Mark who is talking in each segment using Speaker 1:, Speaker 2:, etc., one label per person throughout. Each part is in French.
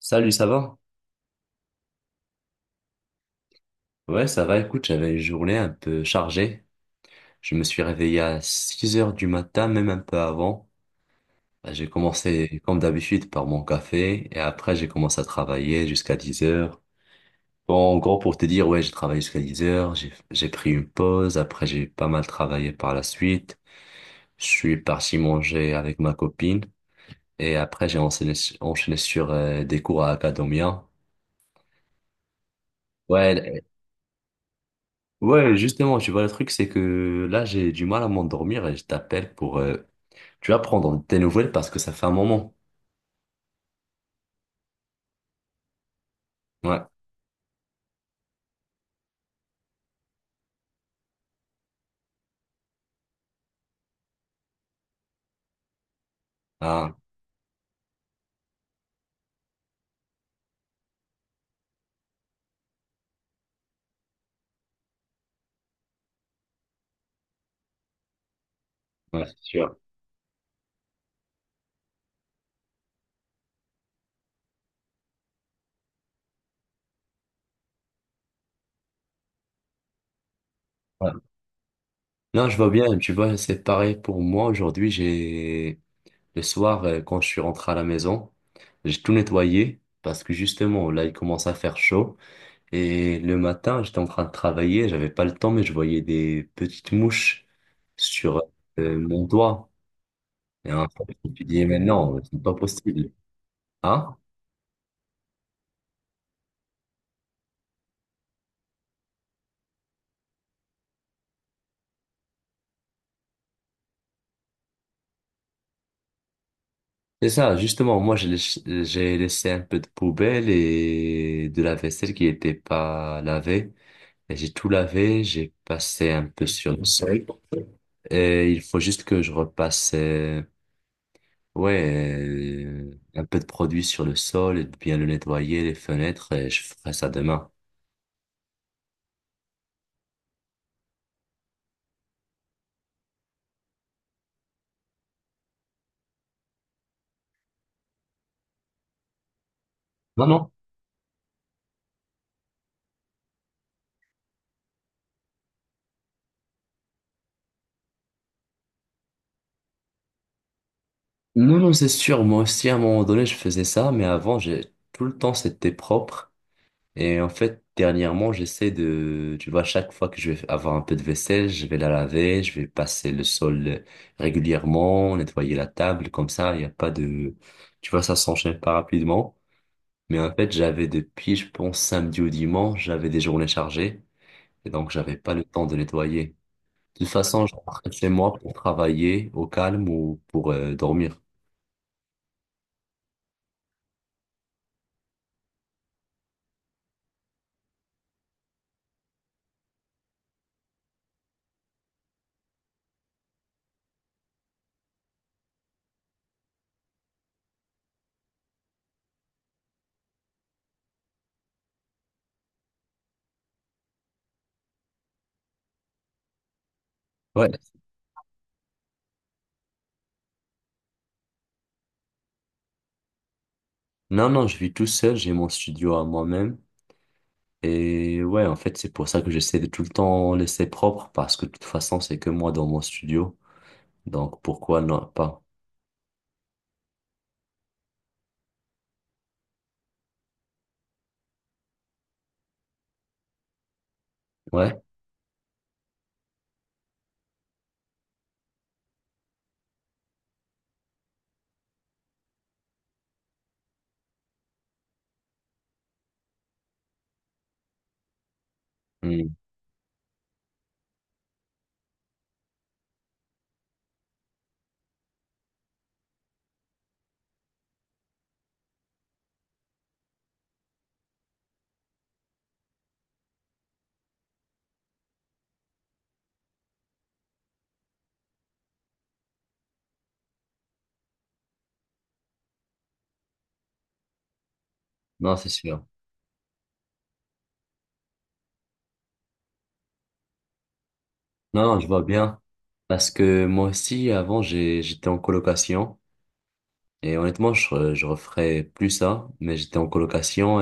Speaker 1: Salut, ça va? Ouais, ça va. Écoute, j'avais une journée un peu chargée. Je me suis réveillé à 6 heures du matin, même un peu avant. Bah, j'ai commencé, comme d'habitude, par mon café et après, j'ai commencé à travailler jusqu'à 10 heures. Bon, en gros, pour te dire, ouais, j'ai travaillé jusqu'à 10 heures. J'ai pris une pause. Après, j'ai pas mal travaillé par la suite. Je suis parti manger avec ma copine et après, j'ai enchaîné sur des cours à Acadomia. Ouais, ouais, justement, tu vois, le truc, c'est que là, j'ai du mal à m'endormir et je t'appelle pour, tu vas prendre tes nouvelles parce que ça fait un moment. Ouais. Ah, ouais, c'est sûr. Ouais. Non, je vois bien, tu vois, c'est pareil pour moi. Aujourd'hui, j'ai, le soir, quand je suis rentré à la maison, j'ai tout nettoyé parce que justement, là, il commence à faire chaud. Et le matin, j'étais en train de travailler, j'avais pas le temps, mais je voyais des petites mouches sur, mon doigt. Et en fait, je me suis dit, mais non, c'est pas possible. Hein? C'est ça, justement, moi j'ai laissé un peu de poubelle et de la vaisselle qui n'était pas lavée. Et j'ai tout lavé, j'ai passé un peu sur le sol. Et il faut juste que je repasse, ouais, un peu de produit sur le sol et de bien le nettoyer, les fenêtres, et je ferai ça demain. Non, non. Non, non, c'est sûr, moi aussi à un moment donné je faisais ça, mais avant j'ai tout le temps c'était propre. Et en fait, dernièrement, j'essaie de, tu vois, chaque fois que je vais avoir un peu de vaisselle, je vais la laver, je vais passer le sol régulièrement, nettoyer la table, comme ça, il n'y a pas de, tu vois, ça s'enchaîne pas rapidement. Mais en fait, j'avais depuis, je pense, samedi ou dimanche, j'avais des journées chargées, et donc j'avais pas le temps de nettoyer. De toute façon, je rentre chez moi pour travailler au calme ou pour dormir. Ouais. Non, non, je vis tout seul, j'ai mon studio à moi-même. Et ouais, en fait, c'est pour ça que j'essaie de tout le temps laisser propre, parce que de toute façon, c'est que moi dans mon studio. Donc, pourquoi non, pas? Ouais? Hmm. Non, c'est sûr. Non, non, je vois bien. Parce que moi aussi, avant, j'étais en colocation. Et honnêtement, je referais plus ça, mais j'étais en colocation.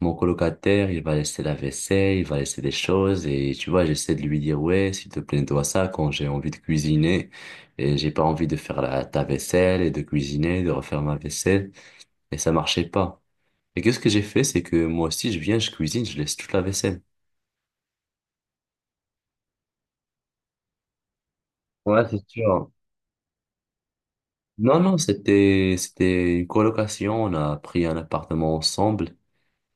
Speaker 1: Mon colocataire, il va laisser la vaisselle, il va laisser des choses et tu vois, j'essaie de lui dire ouais, s'il te plaît, dois ça quand j'ai envie de cuisiner et j'ai pas envie de faire ta vaisselle et de cuisiner, de refaire ma vaisselle et ça marchait pas. Et qu'est-ce que j'ai fait, c'est que moi aussi je viens, je cuisine, je laisse toute la vaisselle. Ouais, c'est sûr. Non, non, c'était une colocation. On a pris un appartement ensemble.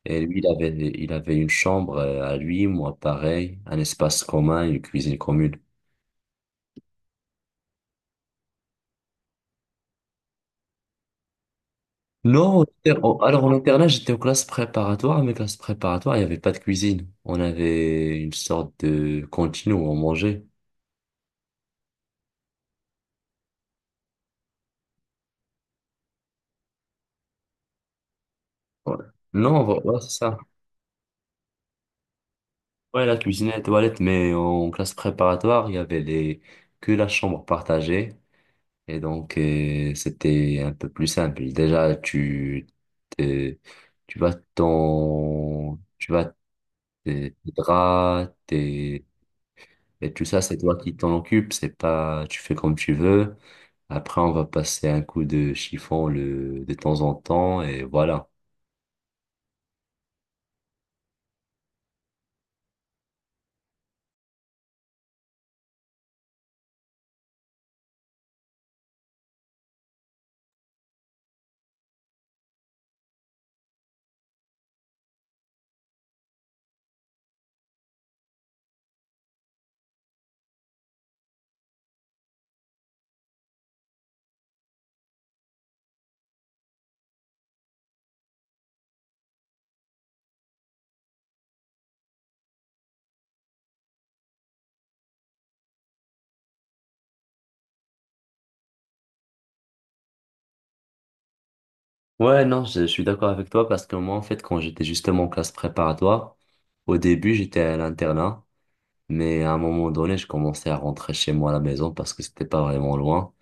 Speaker 1: Et lui, il avait une chambre à lui, moi pareil, un espace commun, une cuisine commune. Non, alors en internat, j'étais en classe préparatoire, mais classe préparatoire, il n'y avait pas de cuisine. On avait une sorte de cantine où on mangeait. Ouais. Non, ouais, c'est ça. Ouais, la cuisine et la toilette, mais en classe préparatoire, il y avait les... que la chambre partagée. Et donc, c'était un peu plus simple. Déjà, tu, t'es- tu vas ton, tu vas tes draps et tout ça, c'est toi qui t'en occupes. C'est pas, tu fais comme tu veux. Après, on va passer un coup de chiffon de temps en temps et voilà. Ouais, non, je suis d'accord avec toi parce que moi, en fait, quand j'étais justement en classe préparatoire, au début, j'étais à l'internat, mais à un moment donné, je commençais à rentrer chez moi à la maison parce que c'était pas vraiment loin,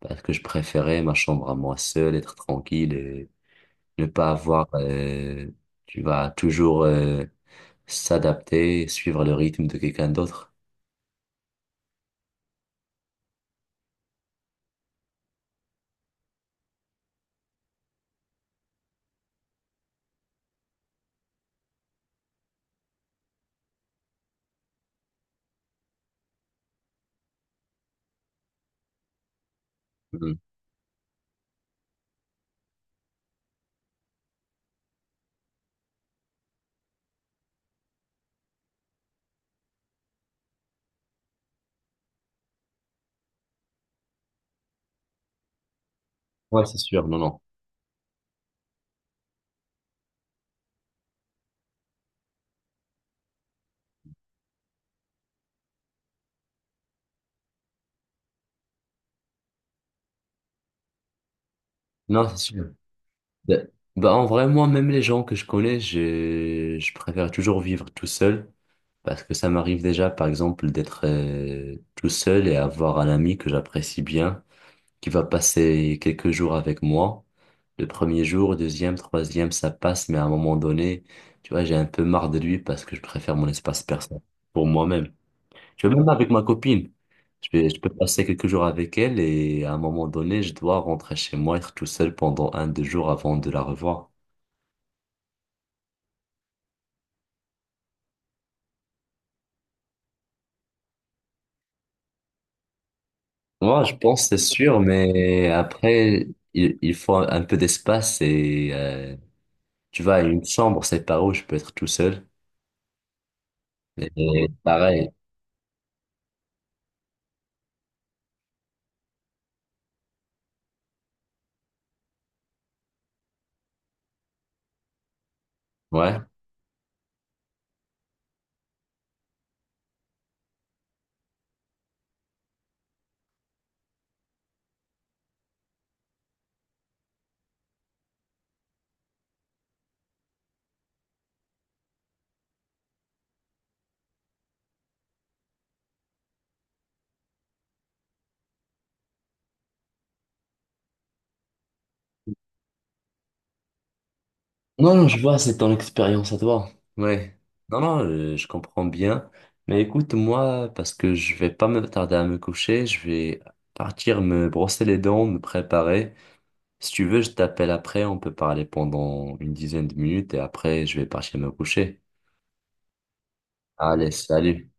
Speaker 1: parce que je préférais ma chambre à moi seule, être tranquille et ne pas avoir, tu vas toujours s'adapter, suivre le rythme de quelqu'un d'autre. Mhm. Ouais, c'est sûr, non, non. Non, c'est sûr. Ben- Bah, en vrai, moi, même les gens que je connais, je préfère toujours vivre tout seul parce que ça m'arrive déjà, par exemple, d'être tout seul et avoir un ami que j'apprécie bien qui va passer quelques jours avec moi. Le premier jour, deuxième, troisième, ça passe, mais à un moment donné, tu vois, j'ai un peu marre de lui parce que je préfère mon espace personnel pour moi-même. Tu vois, même avec ma copine, je peux passer quelques jours avec elle et à un moment donné, je dois rentrer chez moi, être tout seul pendant un, deux jours avant de la revoir. Moi, je pense, c'est sûr, mais après, il faut un peu d'espace et tu vois, une chambre, c'est pas où je peux être tout seul. Et pareil, ouais. Non, non, je vois, c'est ton expérience à toi. Ouais. Non, non, je comprends bien. Mais écoute, moi, parce que je vais pas me tarder à me coucher, je vais partir me brosser les dents, me préparer. Si tu veux, je t'appelle après, on peut parler pendant une dizaine de minutes et après, je vais partir me coucher. Allez, salut.